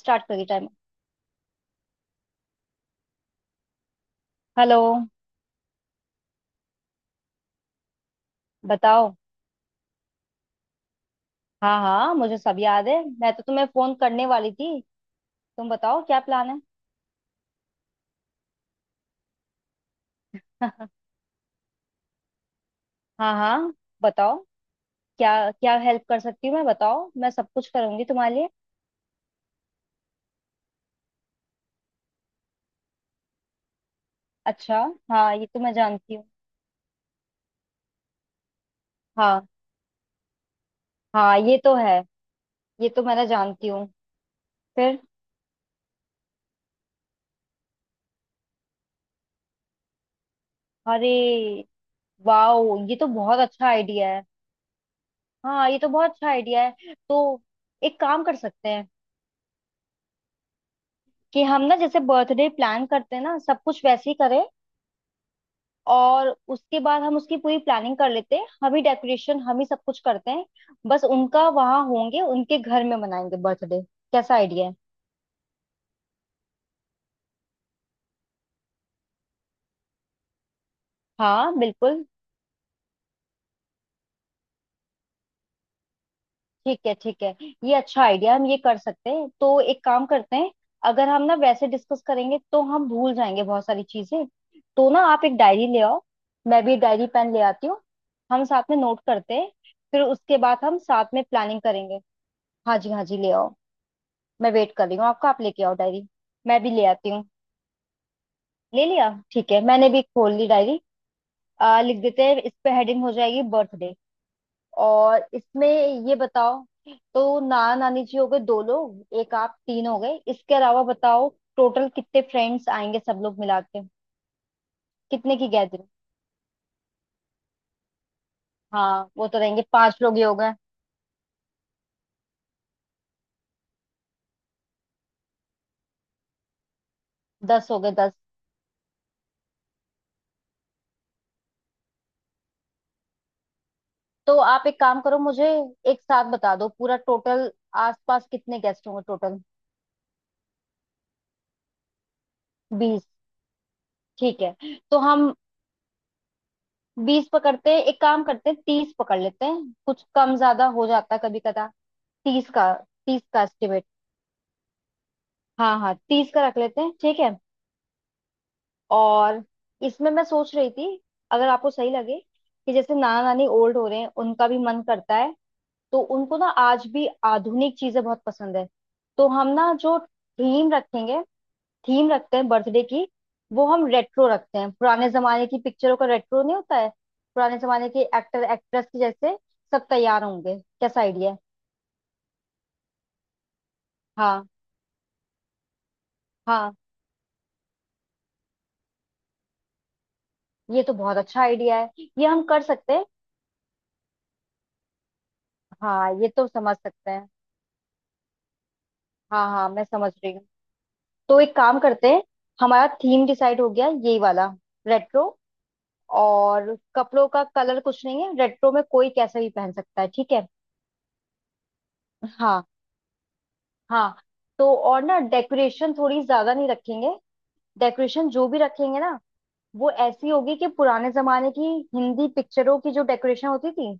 Start करिए time. Hello. बताओ। हाँ हाँ, मुझे सब याद है। मैं तो तुम्हें फोन करने वाली थी। तुम बताओ क्या प्लान है। हाँ हाँ, बताओ। क्या क्या हेल्प कर सकती हूँ मैं? बताओ, मैं सब कुछ करूंगी तुम्हारे लिए। अच्छा। हाँ, ये तो मैं जानती हूँ। हाँ। हाँ, ये तो है। ये तो मैं ना जानती हूँ। फिर। अरे वाओ, ये तो बहुत अच्छा आइडिया है। हाँ, ये तो बहुत अच्छा आइडिया है। तो एक काम कर सकते हैं, कि हम ना जैसे बर्थडे प्लान करते हैं ना, सब कुछ वैसे ही करें। और उसके बाद हम उसकी पूरी प्लानिंग कर लेते हैं, हम ही डेकोरेशन हम ही सब कुछ करते हैं। बस उनका वहाँ होंगे, उनके घर में मनाएंगे बर्थडे। कैसा आइडिया है? हाँ बिल्कुल। ठीक है ठीक है। ये अच्छा आइडिया, हम ये कर सकते हैं। तो एक काम करते हैं। अगर हम ना वैसे डिस्कस करेंगे तो हम भूल जाएंगे बहुत सारी चीजें। तो ना आप एक डायरी ले आओ। मैं भी डायरी पेन ले आती हूँ। हम साथ में नोट करते हैं। फिर उसके बाद हम साथ में प्लानिंग करेंगे। हाँ जी, हाँ जी ले आओ। मैं वेट कर रही हूँ आपका, आप लेके आओ डायरी। मैं भी ले आती हूँ। ले लिया, ठीक है मैंने भी खोल ली डायरी। लिख देते हैं इस पे, हेडिंग हो जाएगी बर्थडे। और इसमें ये बताओ, तो नाना नानी जी हो गए दो लोग, एक आप तीन हो गए, इसके अलावा बताओ टोटल कितने फ्रेंड्स आएंगे सब लोग मिला के? कितने की गैदरिंग? हाँ वो तो रहेंगे, पांच लोग ही हो गए। 10 हो गए 10। तो आप एक काम करो, मुझे एक साथ बता दो पूरा टोटल, आसपास कितने गेस्ट होंगे टोटल। 20? ठीक है। तो हम 20 पकड़ते हैं, एक काम करते हैं, 30 पकड़ लेते हैं, कुछ कम ज्यादा हो जाता है कभी कदा। 30 का, 30 का एस्टिमेट। हाँ हाँ, 30 का रख लेते हैं ठीक है। और इसमें मैं सोच रही थी, अगर आपको सही लगे, कि जैसे नाना नानी ओल्ड हो रहे हैं, उनका भी मन करता है, तो उनको ना आज भी आधुनिक चीजें बहुत पसंद है। तो हम ना जो थीम रखेंगे, थीम रखते हैं बर्थडे की, वो हम रेट्रो रखते हैं। पुराने जमाने की पिक्चरों का रेट्रो नहीं होता है? पुराने जमाने के एक्टर एक्ट्रेस के जैसे सब तैयार होंगे। कैसा आइडिया है? हाँ हाँ, ये तो बहुत अच्छा आइडिया है। ये हम कर सकते हैं। हाँ ये तो समझ सकते हैं। हाँ हाँ, मैं समझ रही हूँ। तो एक काम करते हैं। हमारा थीम डिसाइड हो गया यही वाला, रेट्रो। और कपड़ों का कलर कुछ नहीं है, रेट्रो में कोई कैसा भी पहन सकता है, ठीक है। हाँ हाँ। तो और ना डेकोरेशन थोड़ी ज्यादा नहीं रखेंगे। डेकोरेशन जो भी रखेंगे ना, वो ऐसी होगी कि पुराने जमाने की हिंदी पिक्चरों की जो डेकोरेशन होती थी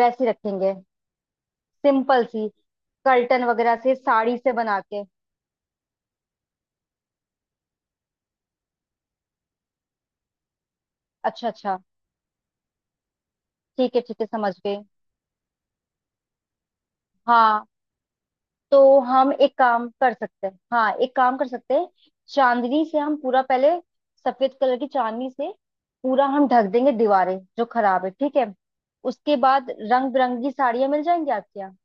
वैसी रखेंगे। सिंपल सी, कर्टन वगैरह से, साड़ी से बना के। अच्छा अच्छा। ठीक है ठीक है, समझ गए। हाँ। तो हम एक काम कर सकते हैं, हाँ एक काम कर सकते हैं। चांदनी से हम पूरा पहले, सफेद कलर की चांदनी से पूरा हम ढक देंगे, दीवारें जो खराब है, ठीक है। उसके बाद रंग बिरंगी साड़ियाँ मिल जाएंगी आपके यहाँ,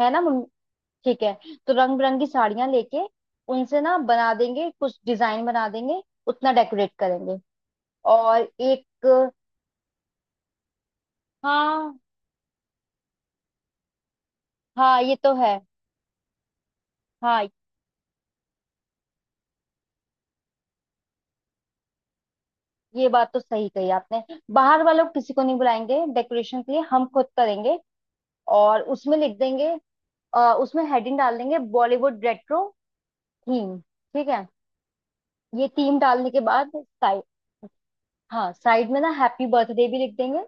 है ना? ठीक है। तो रंग बिरंगी साड़ियां लेके, उनसे ना बना देंगे, कुछ डिजाइन बना देंगे, उतना डेकोरेट करेंगे। और एक, हाँ हाँ ये तो है। हाँ, ये बात तो सही कही आपने। बाहर वालों को किसी को नहीं बुलाएंगे डेकोरेशन के लिए, हम खुद करेंगे। और उसमें लिख देंगे, उसमें हेडिंग डाल देंगे, बॉलीवुड रेट्रो थीम। ठीक है। ये थीम डालने के बाद साइड, हाँ साइड में ना हैप्पी बर्थडे भी लिख देंगे।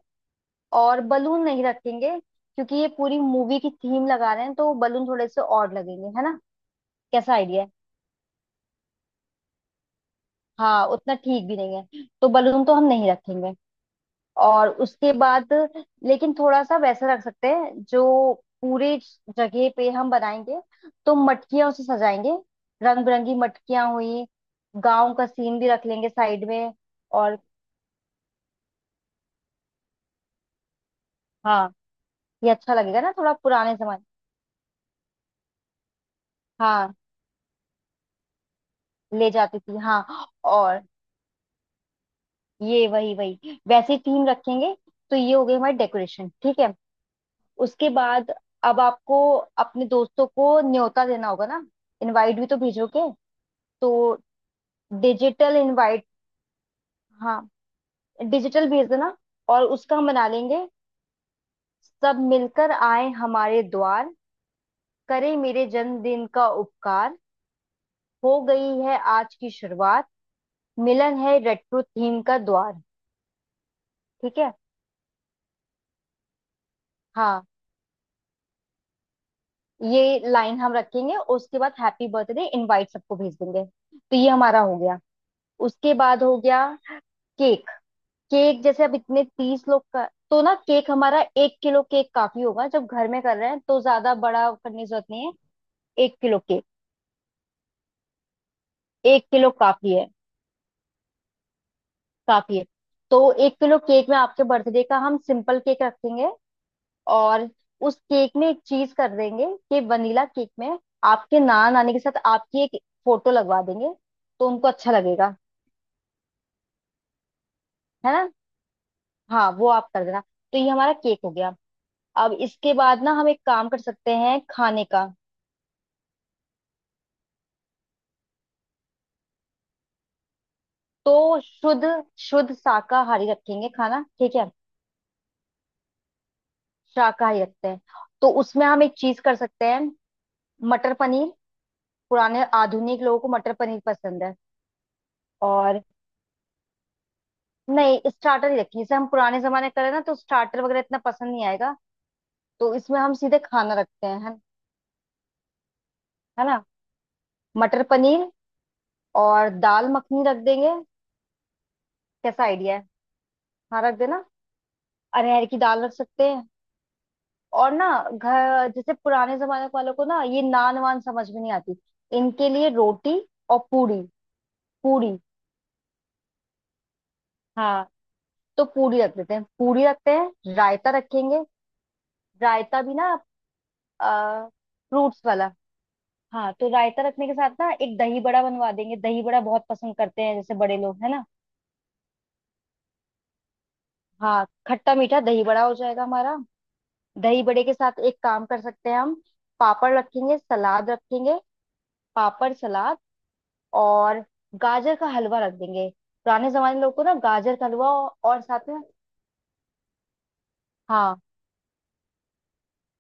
और बलून नहीं रखेंगे क्योंकि ये पूरी मूवी की थीम लगा रहे हैं, तो बलून थोड़े से और लगेंगे, है ना? कैसा आइडिया है? हाँ, उतना ठीक भी नहीं है, तो बलून तो हम नहीं रखेंगे। और उसके बाद, लेकिन थोड़ा सा वैसा रख सकते हैं जो पूरे जगह पे हम बनाएंगे तो मटकियां उसे सजाएंगे, रंग बिरंगी मटकियां हुई। गांव का सीन भी रख लेंगे साइड में। और हाँ, ये अच्छा लगेगा ना, थोड़ा पुराने समय। हाँ ले जाती थी, हाँ। और ये वही वही वैसे थीम रखेंगे। तो ये हो गई हमारी डेकोरेशन, ठीक है। उसके बाद अब आपको अपने दोस्तों को न्योता देना होगा ना, इनवाइट भी तो भेजोगे। तो डिजिटल इनवाइट, हाँ डिजिटल भेज देना। और उसका हम बना लेंगे, सब मिलकर आए हमारे द्वार, करे मेरे जन्मदिन का उपकार, हो गई है आज की शुरुआत, मिलन है रेट्रो थीम का द्वार। ठीक है। हाँ, ये लाइन हम रखेंगे, उसके बाद हैप्पी बर्थडे इनवाइट सबको भेज देंगे, तो ये हमारा हो गया। उसके बाद हो गया केक। केक जैसे, अब इतने 30 लोग का, तो ना केक हमारा 1 किलो केक काफी होगा, जब घर में कर रहे हैं तो ज्यादा बड़ा करने की जरूरत नहीं है। 1 किलो केक, 1 किलो काफी है, काफी है। तो 1 किलो केक में आपके बर्थडे का हम सिंपल केक रखेंगे। और उस केक में एक चीज कर देंगे, कि वनीला केक में आपके नान आने के साथ आपकी एक फोटो लगवा देंगे, तो उनको अच्छा लगेगा, है ना? हाँ वो आप कर देना। तो ये हमारा केक हो गया। अब इसके बाद ना हम एक काम कर सकते हैं खाने का। तो शुद्ध, शुद्ध शाकाहारी रखेंगे खाना, ठीक है? शाकाहारी रखते हैं। तो उसमें हम एक चीज कर सकते हैं, मटर पनीर। पुराने आधुनिक लोगों को मटर पनीर पसंद है। और नहीं, स्टार्टर ही रखिए जैसे, हम पुराने जमाने करें ना तो स्टार्टर वगैरह इतना पसंद नहीं आएगा। तो इसमें हम सीधे खाना रखते हैं, है ना। मटर पनीर और दाल मखनी रख देंगे। कैसा आइडिया है? हाँ रख देना। अरहर की दाल रख सकते हैं। और ना घर जैसे पुराने जमाने वालों को ना, ये नान वान समझ में नहीं आती, इनके लिए रोटी और पूरी, पूरी। हाँ। तो पूरी रख देते हैं, पूरी रखते हैं, रायता रखेंगे। रायता भी ना, फ्रूट्स वाला। हाँ। तो रायता रखने के साथ ना एक दही बड़ा बनवा देंगे, दही बड़ा बहुत पसंद करते हैं जैसे बड़े लोग, है ना? हाँ, खट्टा मीठा दही बड़ा हो जाएगा हमारा। दही बड़े के साथ एक काम कर सकते हैं हम, पापड़ रखेंगे, सलाद रखेंगे। पापड़ सलाद। और गाजर का हलवा रख देंगे। पुराने जमाने लोग को ना गाजर का हलवा। और साथ में, हाँ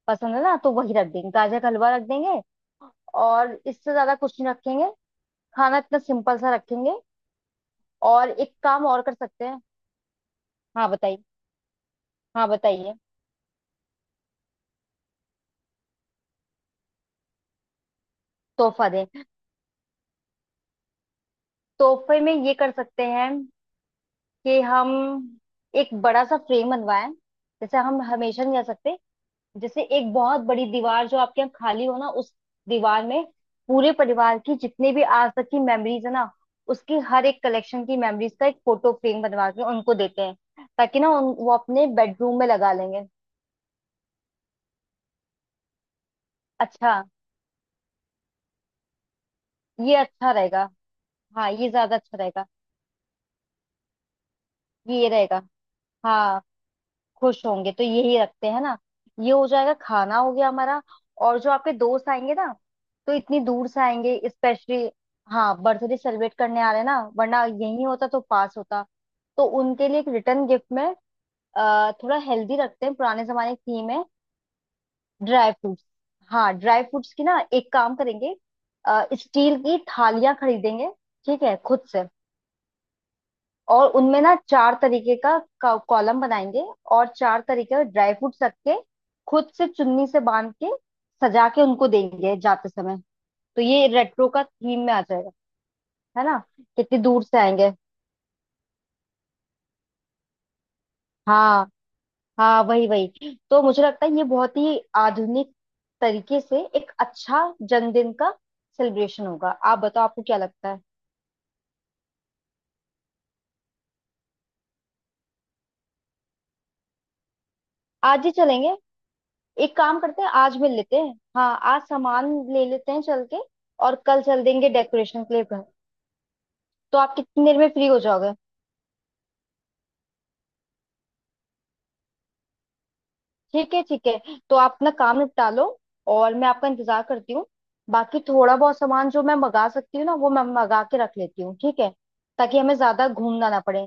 पसंद है ना तो वही रख देंगे, गाजर का हलवा रख देंगे। और इससे ज्यादा कुछ नहीं रखेंगे, खाना इतना सिंपल सा रखेंगे। और एक काम और कर सकते हैं। हाँ बताइए, हाँ बताइए। तोहफा दे, तोहफे में ये कर सकते हैं कि हम एक बड़ा सा फ्रेम बनवाएं। जैसे हम हमेशा नहीं जा सकते, जैसे एक बहुत बड़ी दीवार जो आपके यहाँ खाली हो ना, उस दीवार में पूरे परिवार की जितने भी आज तक की मेमोरीज है ना, उसकी हर एक कलेक्शन की मेमोरीज का एक फोटो फ्रेम बनवा के उनको देते हैं, ताकि ना वो अपने बेडरूम में लगा लेंगे। अच्छा, ये अच्छा रहेगा। हाँ, ये ज्यादा अच्छा रहेगा। ये रहेगा। हाँ खुश होंगे, तो यही रखते हैं ना। ये हो जाएगा, खाना हो गया हमारा। और जो आपके दोस्त आएंगे ना, तो इतनी दूर से आएंगे स्पेशली, हाँ बर्थडे सेलिब्रेट करने आ रहे हैं ना, वरना यही होता तो पास होता। तो उनके लिए एक रिटर्न गिफ्ट में, थोड़ा हेल्दी रखते हैं, पुराने जमाने की थीम है, ड्राई फ्रूट्स। हाँ, ड्राई फ्रूट्स की ना एक काम करेंगे, स्टील की थालियां खरीदेंगे, ठीक है, खुद से। और उनमें ना चार तरीके का कॉलम बनाएंगे, और चार तरीके का ड्राई फ्रूट्स रख के, खुद से चुन्नी से बांध के सजा के उनको देंगे जाते समय। तो ये रेट्रो का थीम में आ जाएगा। है ना? कितनी दूर से आएंगे। हाँ हाँ, वही वही, तो मुझे लगता है ये बहुत ही आधुनिक तरीके से एक अच्छा जन्मदिन का सेलिब्रेशन होगा। आप बताओ आपको क्या लगता है? आज ही चलेंगे। एक काम करते हैं, आज मिल लेते हैं, हाँ आज सामान ले लेते हैं चल के। और कल चल देंगे डेकोरेशन के लिए। तो आप कितनी देर में फ्री हो जाओगे? ठीक है ठीक है। तो आप अपना काम निपटा लो, और मैं आपका इंतजार करती हूँ। बाकी थोड़ा बहुत सामान जो मैं मंगा सकती हूँ ना, वो मैं मंगा के रख लेती हूँ, ठीक है। ताकि हमें ज्यादा घूमना ना पड़े,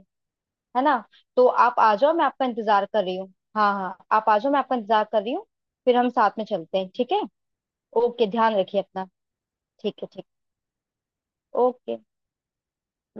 है ना? तो आप आ जाओ, मैं आपका इंतजार कर रही हूँ। हाँ हाँ, आप आ जाओ, मैं आपका इंतजार कर रही हूँ। फिर हम साथ में चलते हैं, ठीक है। ओके, ध्यान रखिए अपना। ठीक है, ठीक। ओके।